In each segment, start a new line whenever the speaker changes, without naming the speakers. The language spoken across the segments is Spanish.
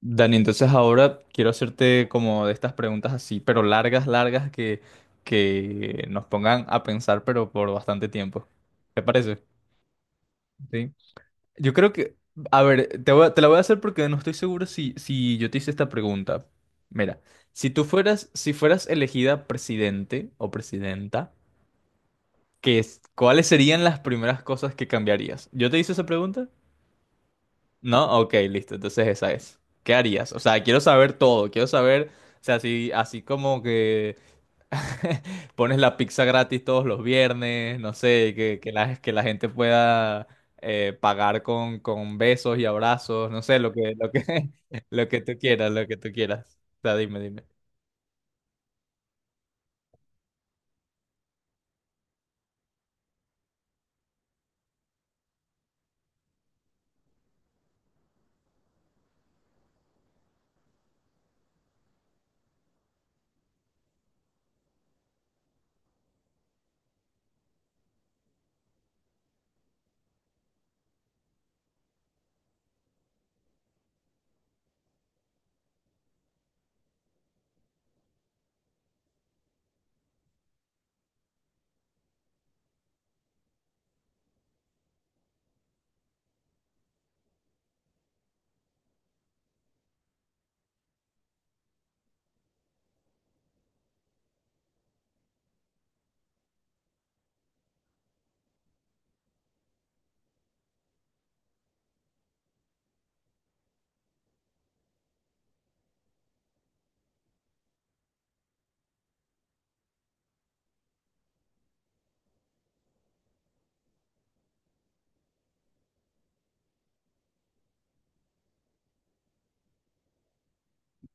Dani, entonces ahora quiero hacerte como de estas preguntas así, pero largas, largas, que nos pongan a pensar, pero por bastante tiempo. ¿Te parece? Sí. Yo creo que, a ver, te la voy a hacer porque no estoy seguro si yo te hice esta pregunta. Mira, si fueras elegida presidente o presidenta, ¿ cuáles serían las primeras cosas que cambiarías? ¿Yo te hice esa pregunta? ¿No? Ok, listo. Entonces esa es. ¿Qué harías? O sea, quiero saber todo. Quiero saber, o sea, así como que pones la pizza gratis todos los viernes, no sé, que la gente pueda pagar con besos y abrazos, no sé, lo que tú quieras, lo que tú quieras. O sea, dime, dime.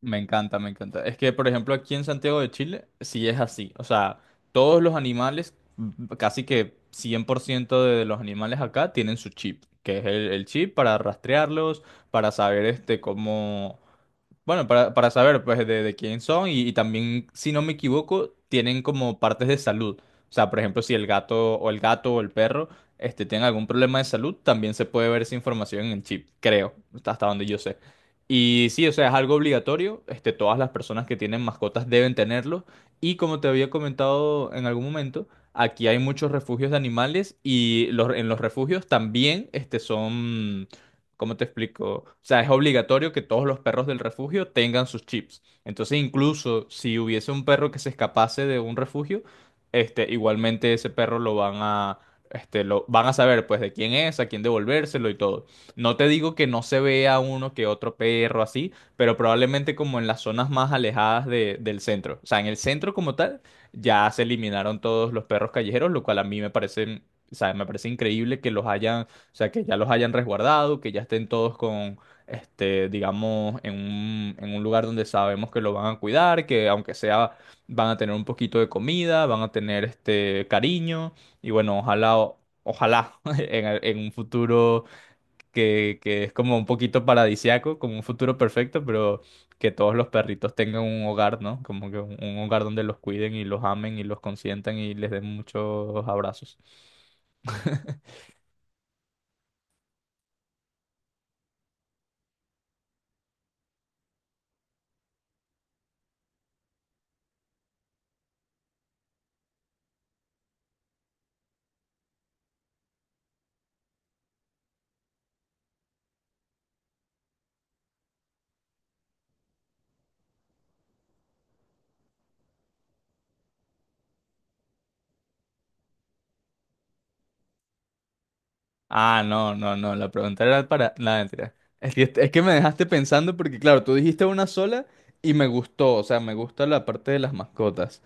Me encanta, me encanta. Es que, por ejemplo, aquí en Santiago de Chile, sí es así. O sea, todos los animales, casi que 100% de los animales acá tienen su chip, que es el chip para rastrearlos, para saber este, cómo, bueno, para saber pues de quién son y también, si no me equivoco, tienen como partes de salud. O sea, por ejemplo, si el gato o el perro este, tienen algún problema de salud, también se puede ver esa información en el chip, creo, hasta donde yo sé. Y sí, o sea, es algo obligatorio. Este, todas las personas que tienen mascotas deben tenerlo. Y como te había comentado en algún momento, aquí hay muchos refugios de animales y en los refugios también este, son... ¿Cómo te explico? O sea, es obligatorio que todos los perros del refugio tengan sus chips. Entonces, incluso si hubiese un perro que se escapase de un refugio, este, igualmente ese perro este, lo van a saber, pues, de quién es, a quién devolvérselo y todo. No te digo que no se vea uno que otro perro así, pero probablemente como en las zonas más alejadas del centro. O sea, en el centro como tal, ya se eliminaron todos los perros callejeros, lo cual a mí me parece, o sea, me parece increíble que los hayan o sea, que ya los hayan resguardado, que ya estén todos con, este, digamos, en un lugar donde sabemos que lo van a cuidar, que aunque sea, van a tener un poquito de comida, van a tener este cariño. Y bueno, ojalá en un futuro que es como un poquito paradisiaco, como un futuro perfecto, pero que todos los perritos tengan un hogar, ¿no? Como que un hogar donde los cuiden y los amen y los consientan y les den muchos abrazos. Ah, no, no, no, la pregunta era para... Nada, mentira. Es que me dejaste pensando porque, claro, tú dijiste una sola y me gustó, o sea, me gusta la parte de las mascotas,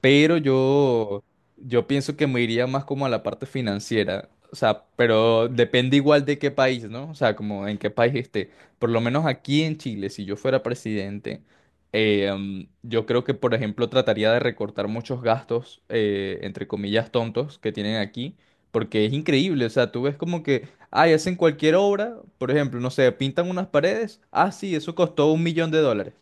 pero yo pienso que me iría más como a la parte financiera, o sea, pero depende igual de qué país, ¿no? O sea, como en qué país esté. Por lo menos aquí en Chile, si yo fuera presidente, yo creo que, por ejemplo, trataría de recortar muchos gastos, entre comillas, tontos que tienen aquí porque es increíble, o sea, tú ves como que, ay, hacen cualquier obra, por ejemplo, no sé, pintan unas paredes, ah, sí, eso costó un millón de dólares.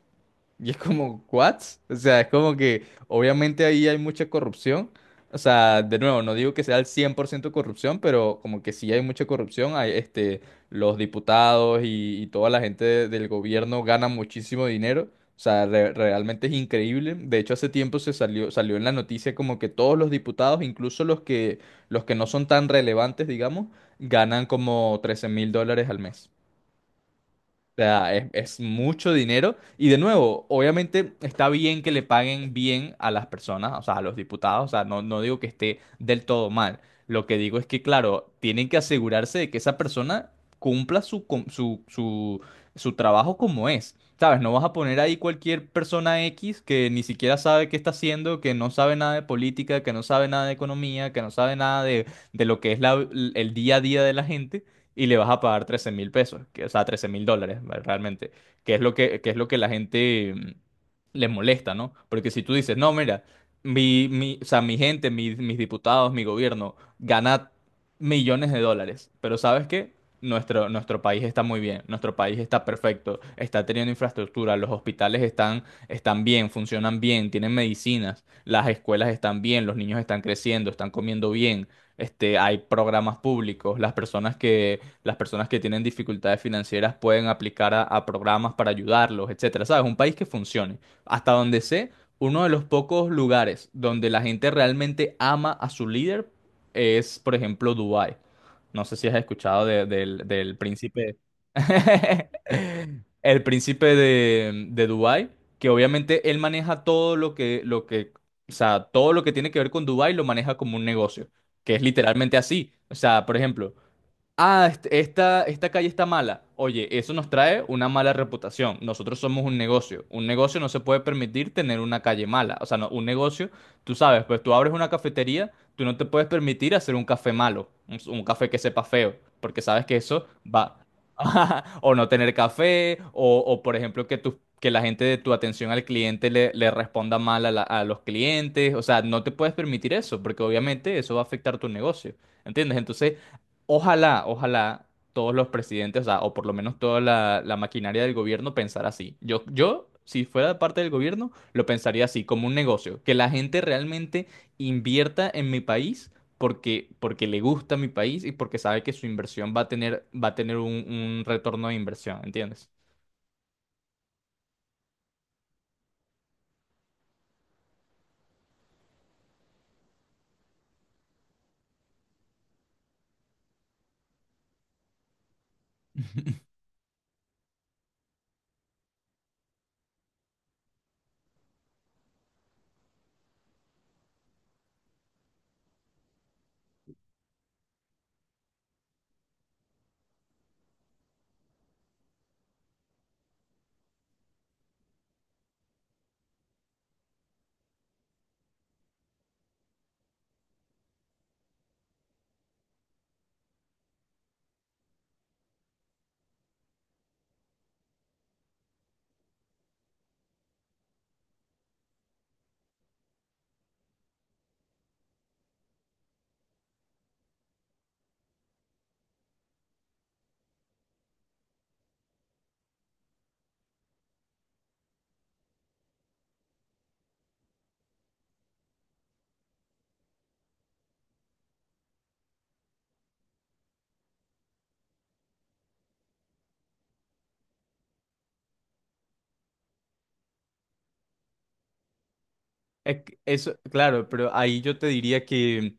Y es como, ¿what? O sea, es como que obviamente ahí hay mucha corrupción. O sea, de nuevo, no digo que sea el 100% corrupción, pero como que sí hay mucha corrupción. Hay, este, los diputados y toda la gente del gobierno ganan muchísimo dinero. O sea, realmente es increíble. De hecho, hace tiempo salió en la noticia como que todos los diputados, los que no son tan relevantes, digamos, ganan como 13 mil dólares al mes sea, es mucho dinero. Y de nuevo, obviamente está bien que le paguen bien a las personas, o sea, a los diputados. O sea, no, no digo que esté del todo mal. Lo que digo es que, claro, tienen que asegurarse de que esa persona cumpla su, su trabajo como es. ¿Sabes? No vas a poner ahí cualquier persona X que ni siquiera sabe qué está haciendo, que no sabe nada de política, que no sabe nada de economía, que no sabe nada de, de lo que el día a día de la gente y le vas a pagar 13 mil pesos, que, o sea, 13 mil dólares, ¿vale? Realmente, que es lo que la gente le molesta, ¿no? Porque si tú dices, no, mira, o sea, mi gente, mis diputados, mi gobierno gana millones de dólares, pero ¿sabes qué? Nuestro país está muy bien, nuestro país está perfecto, está teniendo infraestructura, los hospitales están bien, funcionan bien, tienen medicinas, las escuelas están bien, los niños están creciendo, están comiendo bien, este, hay programas públicos, las personas que tienen dificultades financieras pueden aplicar a programas para ayudarlos, etcétera, ¿sabes? Un país que funcione. Hasta donde sé, uno de los pocos lugares donde la gente realmente ama a su líder es, por ejemplo, Dubái. No sé si has escuchado del príncipe. El príncipe de Dubái, que obviamente él maneja todo lo que, o sea, todo lo que tiene que ver con Dubái lo maneja como un negocio, que es literalmente así. O sea, por ejemplo, ah, esta calle está mala. Oye, eso nos trae una mala reputación. Nosotros somos un negocio. Un negocio no se puede permitir tener una calle mala. O sea, no, un negocio, tú sabes, pues tú abres una cafetería, tú no te puedes permitir hacer un café malo, un café que sepa feo, porque sabes que eso va. O no tener café, o, por ejemplo que la gente de tu atención al cliente le responda mal a los clientes. O sea, no te puedes permitir eso, porque obviamente eso va a afectar tu negocio. ¿Entiendes? Entonces... Ojalá, ojalá todos los presidentes, o sea, o por lo menos toda la maquinaria del gobierno pensara así. Yo, si fuera parte del gobierno, lo pensaría así, como un negocio, que la gente realmente invierta en mi país porque, porque le gusta mi país y porque sabe que su inversión va a tener un retorno de inversión, ¿entiendes? Es que eso, claro, pero ahí yo te diría que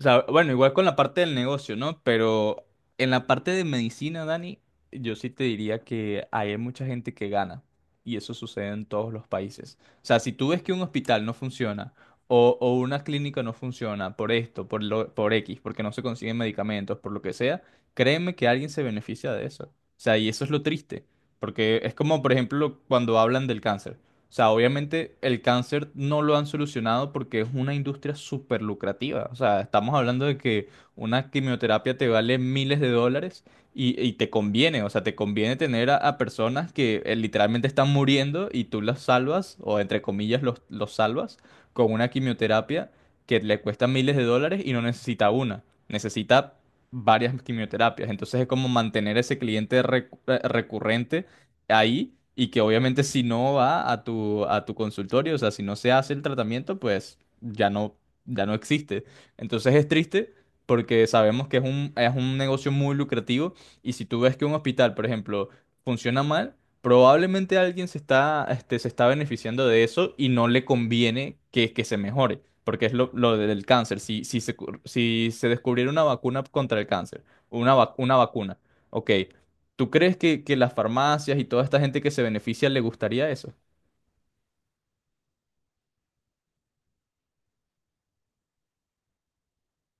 o sea, bueno, igual con la parte del negocio, ¿no? Pero en la parte de medicina, Dani, yo sí te diría que hay mucha gente que gana. Y eso sucede en todos los países. O sea, si tú ves que un hospital no funciona o una clínica no funciona por esto, por X, porque no se consiguen medicamentos, por lo que sea, créeme que alguien se beneficia de eso. O sea, y eso es lo triste. Porque es como, por ejemplo, cuando hablan del cáncer. O sea, obviamente el cáncer no lo han solucionado porque es una industria súper lucrativa. O sea, estamos hablando de que una quimioterapia te vale miles de dólares y te conviene. O sea, te conviene tener a personas que literalmente están muriendo y tú las salvas, o entre comillas los salvas, con una quimioterapia que le cuesta miles de dólares y no necesita una. Necesita varias quimioterapias. Entonces es como mantener ese cliente recurrente ahí y que obviamente si no va a a tu consultorio, o sea, si no se hace el tratamiento, pues ya no, ya no existe. Entonces es triste porque sabemos que es es un negocio muy lucrativo y si tú ves que un hospital, por ejemplo, funciona mal, probablemente alguien se está, este, se está beneficiando de eso y no le conviene que se mejore. Porque es lo del cáncer. Si se descubriera una vacuna contra el cáncer, una, una vacuna, ok. ¿Tú crees que las farmacias y toda esta gente que se beneficia le gustaría eso?